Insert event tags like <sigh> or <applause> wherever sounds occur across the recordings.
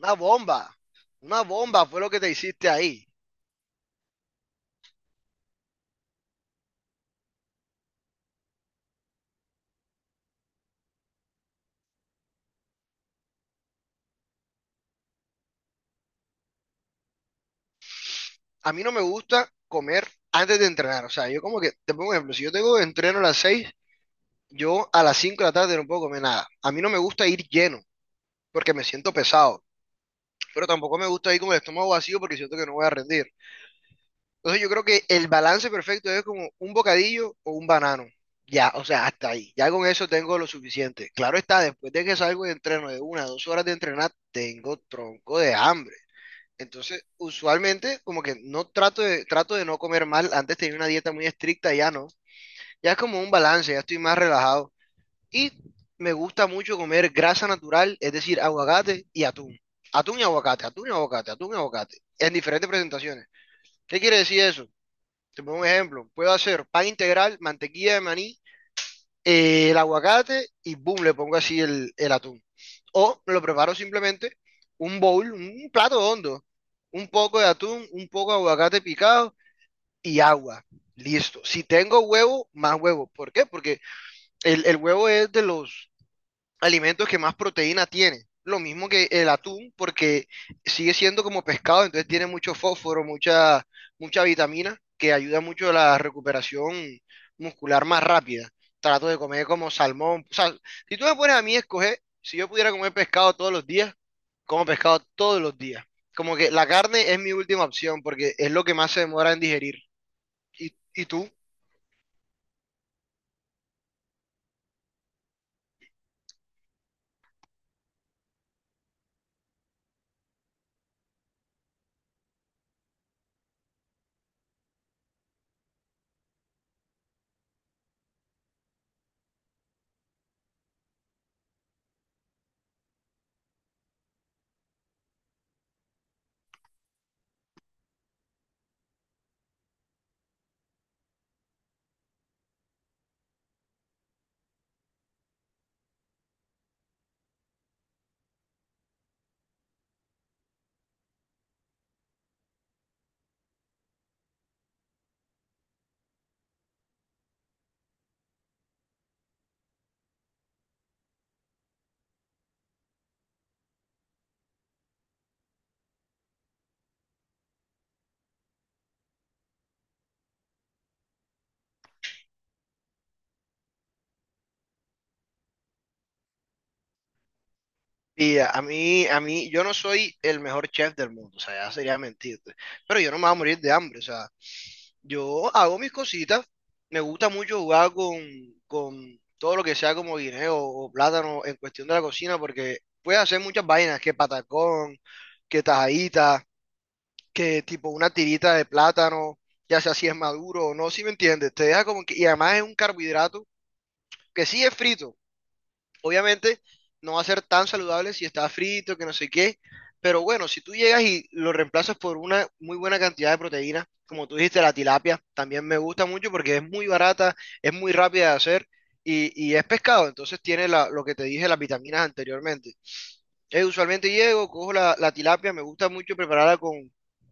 Una bomba, una bomba fue lo que te hiciste ahí. A mí no me gusta comer antes de entrenar. O sea, yo como que, te pongo un ejemplo, si yo tengo entreno a las 6 yo a las 5 de la tarde no puedo comer nada. A mí no me gusta ir lleno porque me siento pesado, pero tampoco me gusta ir con el estómago vacío porque siento que no voy a rendir. Entonces yo creo que el balance perfecto es como un bocadillo o un banano. Ya, o sea, hasta ahí. Ya con eso tengo lo suficiente. Claro está, después de que salgo de entreno de una, a 2 horas de entrenar, tengo tronco de hambre. Entonces, usualmente, como que no trato de no comer mal. Antes tenía una dieta muy estricta, ya no. Ya es como un balance, ya estoy más relajado. Y me gusta mucho comer grasa natural, es decir, aguacate y atún. Atún y aguacate, atún y aguacate, atún y aguacate. En diferentes presentaciones. ¿Qué quiere decir eso? Te pongo un ejemplo. Puedo hacer pan integral, mantequilla de maní, el aguacate y boom, le pongo así el atún. O lo preparo simplemente un bowl, un plato hondo, un poco de atún, un poco de aguacate picado y agua. Listo. Si tengo huevo, más huevo. ¿Por qué? Porque el huevo es de los alimentos que más proteína tiene. Lo mismo que el atún, porque sigue siendo como pescado, entonces tiene mucho fósforo, mucha, mucha vitamina, que ayuda mucho a la recuperación muscular más rápida. Trato de comer como salmón. O sea, si tú me pones a mí a escoger, si yo pudiera comer pescado todos los días, como pescado todos los días. Como que la carne es mi última opción, porque es lo que más se demora en digerir. ¿Y, tú? Y a mí, yo no soy el mejor chef del mundo, o sea, ya sería mentirte, pero yo no me voy a morir de hambre. O sea, yo hago mis cositas, me gusta mucho jugar con todo lo que sea como guineo o plátano en cuestión de la cocina, porque puedes hacer muchas vainas, que patacón, que tajadita, que tipo una tirita de plátano, ya sea si es maduro o no, si me entiendes, te deja como que, y además es un carbohidrato que sí es frito. Obviamente no va a ser tan saludable si está frito, que no sé qué, pero bueno, si tú llegas y lo reemplazas por una muy buena cantidad de proteína, como tú dijiste, la tilapia también me gusta mucho porque es muy barata, es muy rápida de hacer y es pescado, entonces tiene la- lo que te dije, las vitaminas anteriormente. Usualmente llego, cojo la tilapia, me gusta mucho prepararla con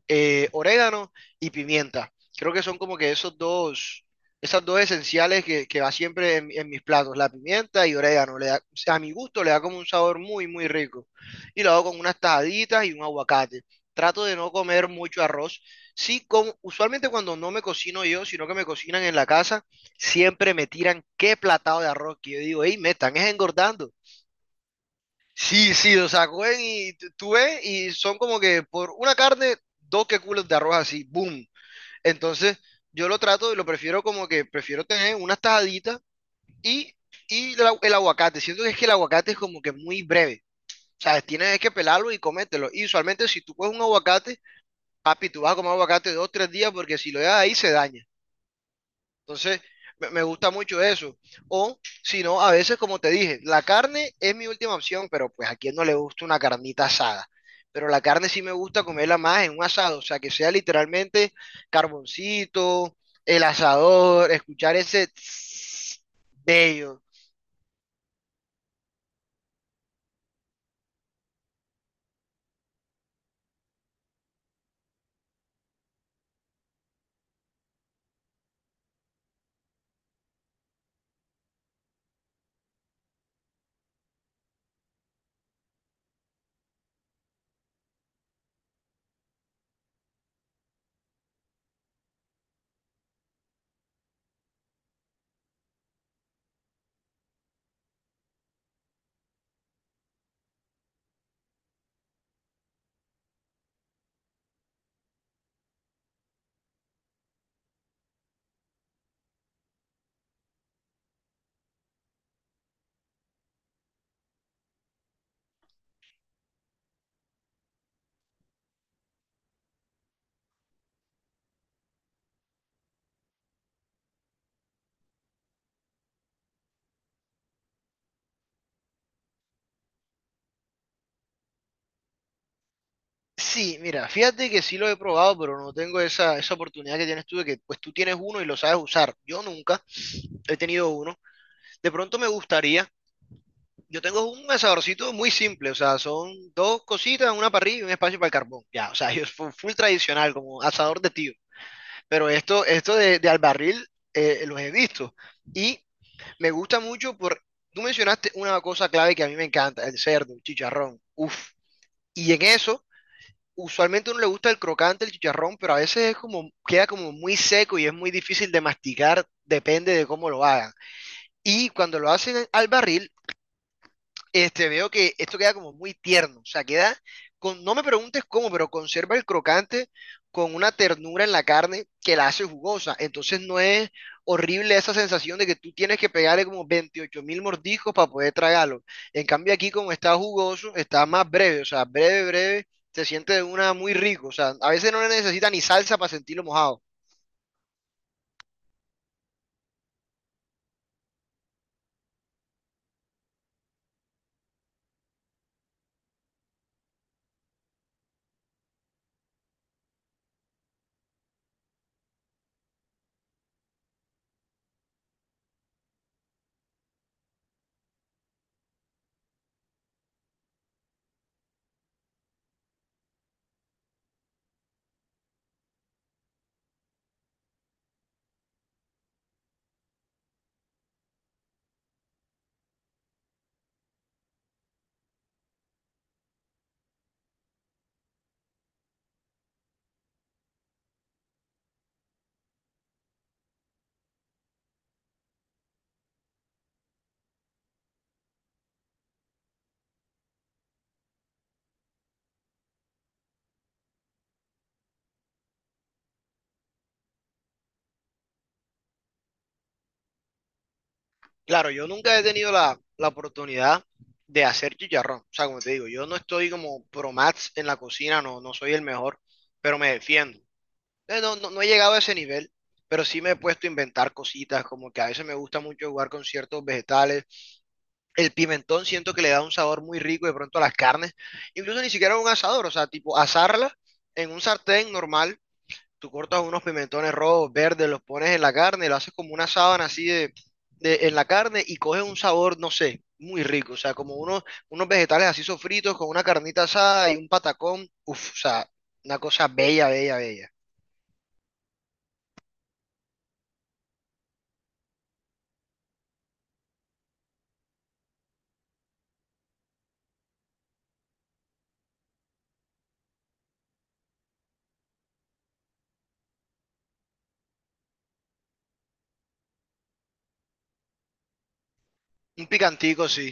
orégano y pimienta. Creo que son como que esos dos, esas dos esenciales que va siempre en mis platos, la pimienta y orégano. Le da- o sea, a mi gusto le da como un sabor muy, muy rico. Y lo hago con unas tajaditas y un aguacate. Trato de no comer mucho arroz. Sí, como, usualmente cuando no me cocino yo, sino que me cocinan en la casa, siempre me tiran qué platado de arroz que yo digo, hey, me están es engordando. Sí, sí, o sea, cogen y t- tú ves y son como que por una carne, dos que culos de arroz así, boom. Entonces, yo lo trato y lo prefiero como que prefiero tener unas tajaditas y, y el, agu- el aguacate. Siento que es que el aguacate es como que muy breve. O sea, tienes que pelarlo y comértelo. Y usualmente si tú coges un aguacate, papi, tú vas a comer aguacate dos, tres días porque si lo dejas ahí se daña. Entonces, me gusta mucho eso. O, si no, a veces, como te dije, la carne es mi última opción, pero pues a quien no le gusta una carnita asada. Pero la carne sí me gusta comerla más en un asado, o sea, que sea literalmente carboncito, el asador, escuchar ese <sniffs> tss bello. Sí, mira, fíjate que sí lo he probado, pero no tengo esa, esa oportunidad que tienes tú de que pues tú tienes uno y lo sabes usar. Yo nunca he tenido uno. De pronto me gustaría. Yo tengo un asadorcito muy simple, o sea, son dos cositas, una parrilla y un espacio para el carbón. Ya, o sea, <laughs> yo fu- full tradicional, como asador de tío. Pero esto de al barril, los he visto. Y me gusta mucho por, tú mencionaste una cosa clave que a mí me encanta, el cerdo, el chicharrón. Uf. Y en eso, usualmente a uno le gusta el crocante, el chicharrón, pero a veces es como, queda como muy seco y es muy difícil de masticar, depende de cómo lo hagan. Y cuando lo hacen al barril, este, veo que esto queda como muy tierno, o sea, queda con, no me preguntes cómo, pero conserva el crocante con una ternura en la carne que la hace jugosa. Entonces no es horrible esa sensación de que tú tienes que pegarle como 28.000 mordiscos para poder tragarlo. En cambio aquí como está jugoso, está más breve, o sea, breve, breve, se siente de una muy rico. O sea, a veces no le necesita ni salsa para sentirlo mojado. Claro, yo nunca he tenido la oportunidad de hacer chicharrón. O sea, como te digo, yo no estoy como pro mats en la cocina, no, no soy el mejor, pero me defiendo. No, no, no he llegado a ese nivel, pero sí me he puesto a inventar cositas, como que a veces me gusta mucho jugar con ciertos vegetales. El pimentón siento que le da un sabor muy rico de pronto a las carnes, incluso ni siquiera a un asador, o sea, tipo asarla en un sartén normal. Tú cortas unos pimentones rojos, verdes, los pones en la carne, lo haces como una sábana así de- en la carne y coges un sabor, no sé, muy rico. O sea, como unos, unos vegetales así sofritos con una carnita asada y un patacón. Uf, o sea, una cosa bella, bella, bella. Un picantico, sí.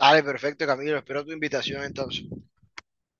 Dale, perfecto, Camilo. Espero tu invitación entonces.